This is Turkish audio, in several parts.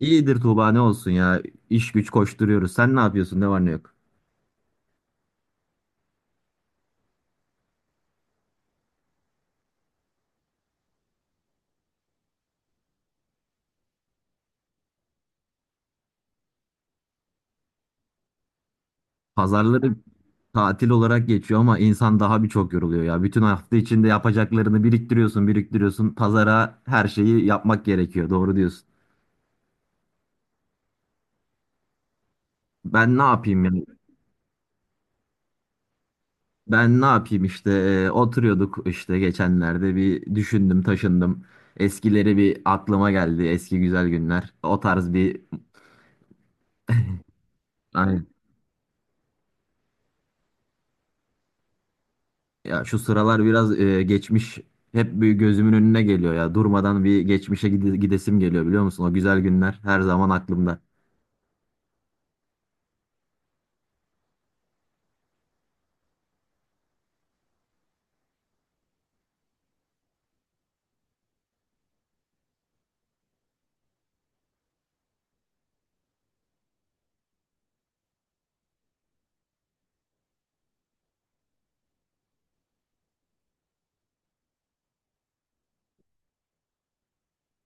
İyidir Tuğba ne olsun ya. İş güç koşturuyoruz. Sen ne yapıyorsun? Ne var ne yok? Pazarları tatil olarak geçiyor ama insan daha birçok yoruluyor ya. Bütün hafta içinde yapacaklarını biriktiriyorsun, biriktiriyorsun. Pazara her şeyi yapmak gerekiyor. Doğru diyorsun. Ben ne yapayım yani? Ben ne yapayım işte, oturuyorduk işte geçenlerde bir düşündüm, taşındım. Eskileri bir aklıma geldi. Eski güzel günler. O tarz bir... Ya şu sıralar biraz geçmiş hep bir gözümün önüne geliyor ya. Durmadan bir geçmişe gidesim geliyor, biliyor musun? O güzel günler her zaman aklımda.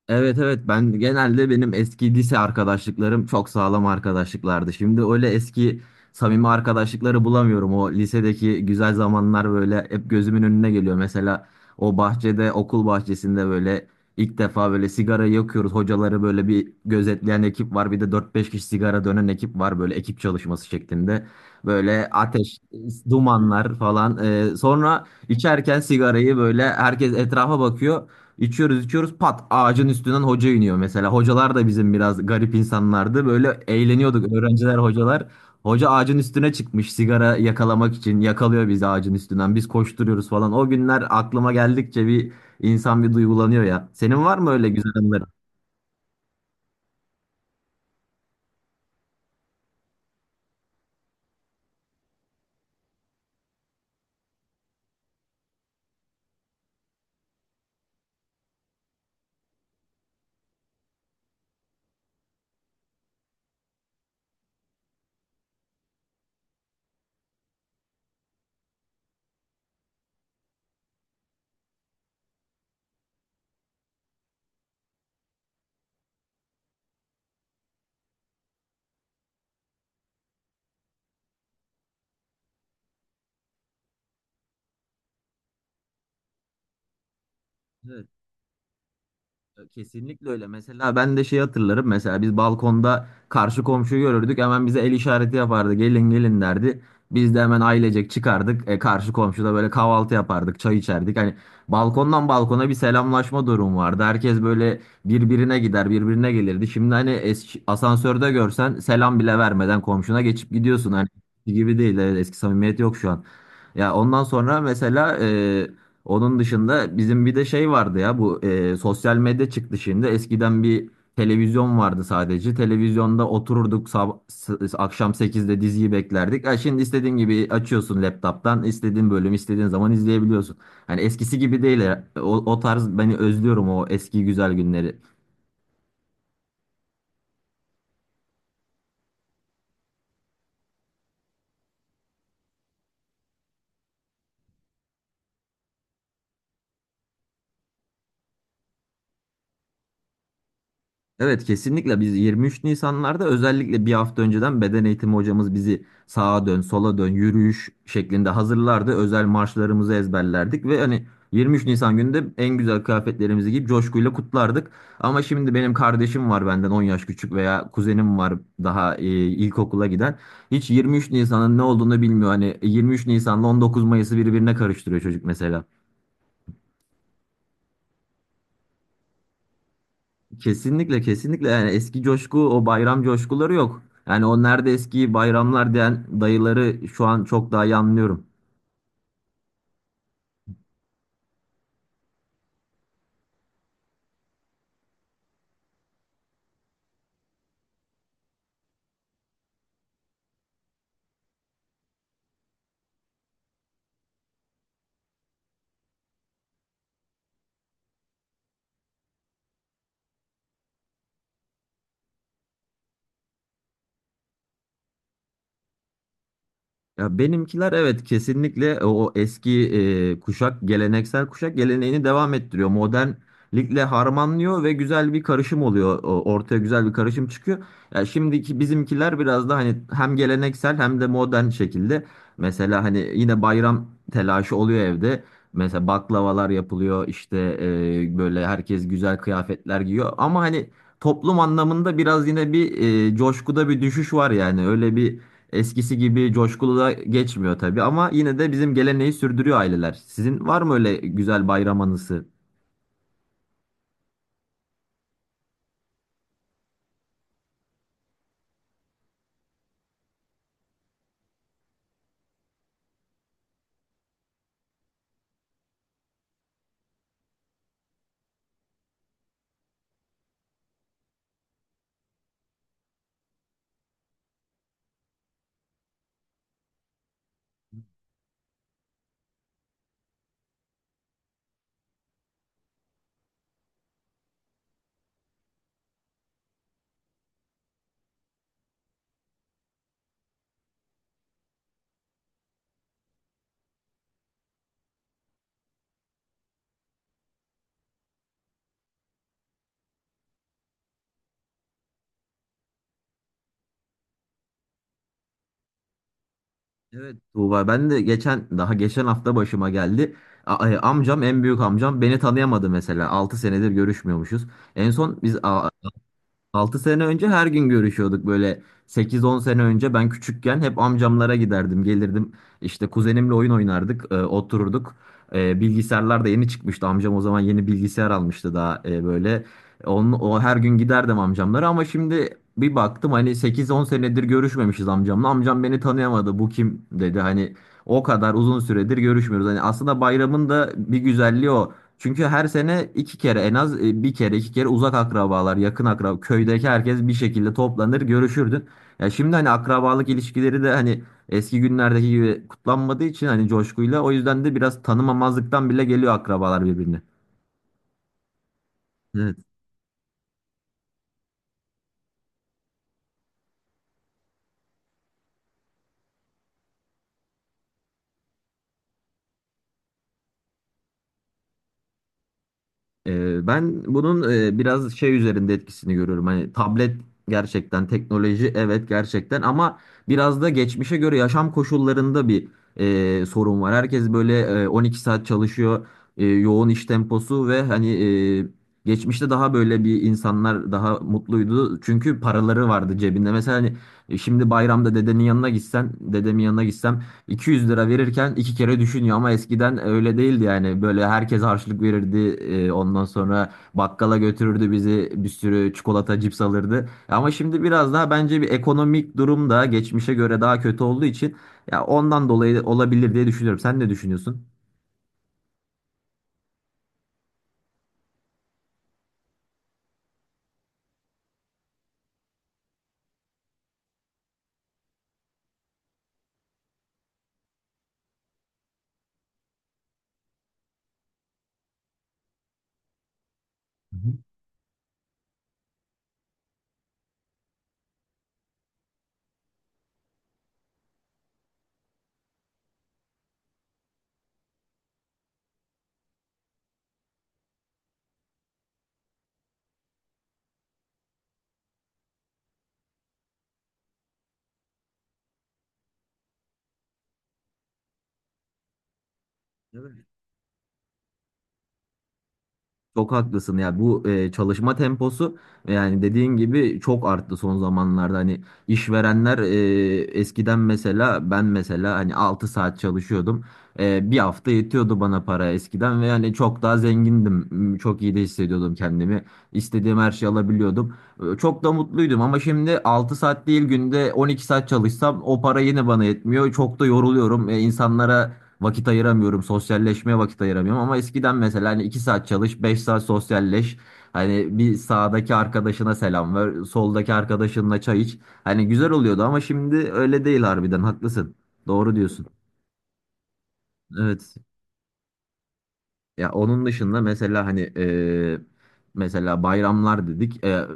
Evet, evet, ben genelde benim eski lise arkadaşlıklarım çok sağlam arkadaşlıklardı. Şimdi öyle eski samimi arkadaşlıkları bulamıyorum. O lisedeki güzel zamanlar böyle hep gözümün önüne geliyor. Mesela o bahçede, okul bahçesinde böyle ilk defa böyle sigara yakıyoruz. Hocaları böyle bir gözetleyen ekip var. Bir de dört beş kişi sigara dönen ekip var, böyle ekip çalışması şeklinde. Böyle ateş, dumanlar falan. Sonra içerken sigarayı böyle herkes etrafa bakıyor. İçiyoruz içiyoruz, pat, ağacın üstünden hoca iniyor mesela. Hocalar da bizim biraz garip insanlardı. Böyle eğleniyorduk, öğrenciler, hocalar. Hoca ağacın üstüne çıkmış sigara yakalamak için yakalıyor bizi ağacın üstünden. Biz koşturuyoruz falan. O günler aklıma geldikçe bir insan bir duygulanıyor ya. Senin var mı öyle güzel anıların? Kesinlikle öyle. Mesela ben de şeyi hatırlarım. Mesela biz balkonda karşı komşuyu görürdük. Hemen bize el işareti yapardı. Gelin gelin derdi. Biz de hemen ailecek çıkardık. Karşı komşuda böyle kahvaltı yapardık. Çay içerdik. Hani balkondan balkona bir selamlaşma durum vardı. Herkes böyle birbirine gider, birbirine gelirdi. Şimdi hani eski, asansörde görsen selam bile vermeden komşuna geçip gidiyorsun. Hani gibi değil. Evet, eski samimiyet yok şu an. Ya ondan sonra mesela, onun dışında bizim bir de şey vardı ya, bu sosyal medya çıktı şimdi. Eskiden bir televizyon vardı sadece. Televizyonda otururduk, akşam sekizde diziyi beklerdik. Ha, şimdi istediğin gibi açıyorsun laptop'tan, istediğin bölüm istediğin zaman izleyebiliyorsun. Hani eskisi gibi değil. Ya. O tarz beni özlüyorum, o eski güzel günleri. Evet, kesinlikle biz 23 Nisanlarda özellikle bir hafta önceden beden eğitimi hocamız bizi sağa dön, sola dön, yürüyüş şeklinde hazırlardı. Özel marşlarımızı ezberlerdik ve hani 23 Nisan günü de en güzel kıyafetlerimizi giyip coşkuyla kutlardık. Ama şimdi benim kardeşim var benden 10 yaş küçük, veya kuzenim var daha ilkokula giden. Hiç 23 Nisan'ın ne olduğunu bilmiyor. Hani 23 Nisan'la 19 Mayıs'ı birbirine karıştırıyor çocuk mesela. Kesinlikle kesinlikle, yani eski coşku, o bayram coşkuları yok. Yani o nerede eski bayramlar diyen dayıları şu an çok daha iyi anlıyorum. Ya benimkiler, evet, kesinlikle o eski, kuşak, geleneksel kuşak geleneğini devam ettiriyor. Modernlikle harmanlıyor ve güzel bir karışım oluyor. Ortaya güzel bir karışım çıkıyor. Ya şimdiki bizimkiler biraz da hani hem geleneksel hem de modern şekilde. Mesela hani yine bayram telaşı oluyor evde. Mesela baklavalar yapılıyor işte, böyle herkes güzel kıyafetler giyiyor. Ama hani toplum anlamında biraz yine bir coşkuda bir düşüş var, yani öyle bir... Eskisi gibi coşkulu da geçmiyor tabii, ama yine de bizim geleneği sürdürüyor aileler. Sizin var mı öyle güzel bayram anısı? Evet Tuğba, ben de geçen, daha geçen hafta başıma geldi. Amcam, en büyük amcam beni tanıyamadı mesela. 6 senedir görüşmüyormuşuz. En son biz a- 6 sene önce her gün görüşüyorduk, böyle sekiz on sene önce ben küçükken hep amcamlara giderdim, gelirdim, işte kuzenimle oyun oynardık, otururduk. Bilgisayarlar da yeni çıkmıştı, amcam o zaman yeni bilgisayar almıştı daha, böyle o her gün giderdim amcamlara. Ama şimdi bir baktım hani sekiz on senedir görüşmemişiz amcamla, amcam beni tanıyamadı, bu kim dedi. Hani o kadar uzun süredir görüşmüyoruz, hani aslında bayramın da bir güzelliği o. Çünkü her sene iki kere en az, bir kere iki kere uzak akrabalar, yakın akraba, köydeki herkes bir şekilde toplanır, görüşürdün. Ya şimdi hani akrabalık ilişkileri de hani eski günlerdeki gibi kutlanmadığı için, hani coşkuyla, o yüzden de biraz tanımamazlıktan bile geliyor akrabalar birbirini. Evet. Ben bunun biraz şey üzerinde etkisini görüyorum. Hani tablet gerçekten teknoloji, evet gerçekten, ama biraz da geçmişe göre yaşam koşullarında bir sorun var. Herkes böyle 12 saat çalışıyor, yoğun iş temposu ve hani geçmişte daha böyle bir insanlar daha mutluydu. Çünkü paraları vardı cebinde. Mesela hani şimdi bayramda dedenin yanına gitsen, dedemin yanına gitsem 200 lira verirken iki kere düşünüyor, ama eskiden öyle değildi yani. Böyle herkes harçlık verirdi. Ondan sonra bakkala götürürdü bizi. Bir sürü çikolata, cips alırdı. Ama şimdi biraz daha, bence bir ekonomik durum da geçmişe göre daha kötü olduğu için ya, ondan dolayı olabilir diye düşünüyorum. Sen ne düşünüyorsun? Hı hı. Çok haklısın ya, bu çalışma temposu, yani dediğin gibi çok arttı son zamanlarda. Hani işverenler, eskiden mesela ben, mesela hani 6 saat çalışıyordum. Bir hafta yetiyordu bana para eskiden, ve yani çok daha zengindim. Çok iyi de hissediyordum kendimi, istediğim her şeyi alabiliyordum. Çok da mutluydum ama şimdi 6 saat değil, günde 12 saat çalışsam o para yine bana yetmiyor, çok da yoruluyorum. İnsanlara vakit ayıramıyorum. Sosyalleşmeye vakit ayıramıyorum. Ama eskiden mesela hani, 2 saat çalış, 5 saat sosyalleş. Hani bir sağdaki arkadaşına selam ver, soldaki arkadaşınla çay iç. Hani güzel oluyordu ama şimdi öyle değil harbiden. Haklısın. Doğru diyorsun. Evet. Ya, onun dışında mesela hani, mesela bayramlar dedik. E,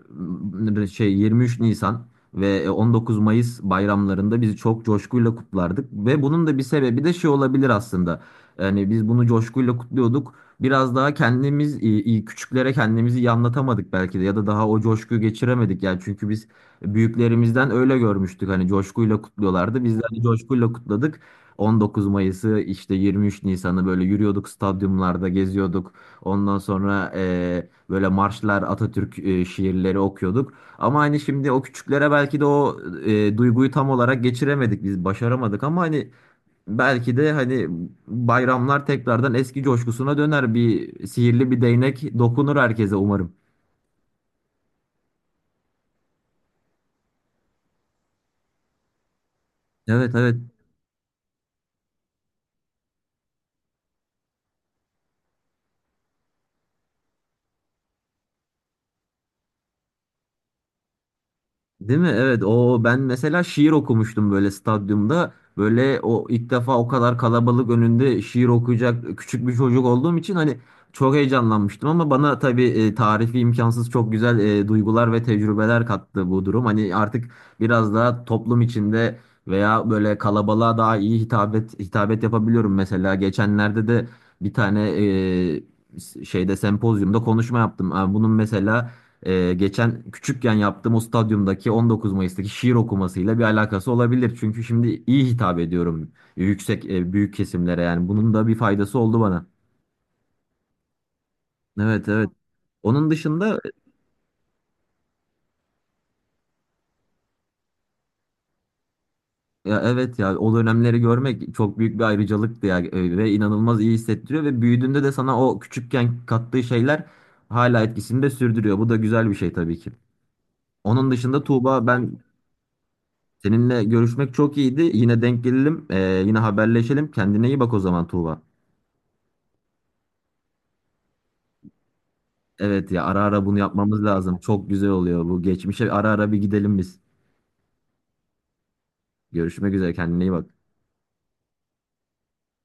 m- şey 23 Nisan ve 19 Mayıs bayramlarında biz çok coşkuyla kutlardık, ve bunun da bir sebebi de şey olabilir aslında. Yani biz bunu coşkuyla kutluyorduk. Biraz daha kendimiz, küçüklere kendimizi iyi anlatamadık belki de, ya da daha o coşkuyu geçiremedik yani çünkü biz büyüklerimizden öyle görmüştük hani, coşkuyla kutluyorlardı. Biz de hani coşkuyla kutladık. 19 Mayıs'ı işte 23 Nisan'ı böyle yürüyorduk, stadyumlarda geziyorduk. Ondan sonra böyle marşlar, Atatürk şiirleri okuyorduk. Ama hani şimdi o küçüklere belki de o duyguyu tam olarak geçiremedik biz, başaramadık, ama hani belki de hani bayramlar tekrardan eski coşkusuna döner, bir sihirli bir değnek dokunur herkese umarım. Evet, evet. Değil mi? Evet. O, ben mesela şiir okumuştum böyle stadyumda. Böyle o ilk defa o kadar kalabalık önünde şiir okuyacak küçük bir çocuk olduğum için hani çok heyecanlanmıştım, ama bana tabii tarifi imkansız çok güzel duygular ve tecrübeler kattı bu durum. Hani artık biraz daha toplum içinde veya böyle kalabalığa daha iyi hitabet yapabiliyorum. Mesela geçenlerde de bir tane şeyde sempozyumda konuşma yaptım. Ha, bunun mesela geçen küçükken yaptığım o stadyumdaki 19 Mayıs'taki şiir okumasıyla bir alakası olabilir. Çünkü şimdi iyi hitap ediyorum yüksek, büyük kesimlere, yani bunun da bir faydası oldu bana. Evet, evet. Onun dışında ya evet, ya o dönemleri görmek çok büyük bir ayrıcalıktı ya, ve inanılmaz iyi hissettiriyor, ve büyüdüğünde de sana o küçükken kattığı şeyler hala etkisini de sürdürüyor. Bu da güzel bir şey tabii ki. Onun dışında Tuğba, ben seninle görüşmek çok iyiydi. Yine denk gelelim, yine haberleşelim. Kendine iyi bak o zaman Tuğba. Evet ya, ara ara bunu yapmamız lazım. Çok güzel oluyor bu. Geçmişe ara ara bir gidelim biz. Görüşmek üzere, kendine iyi bak.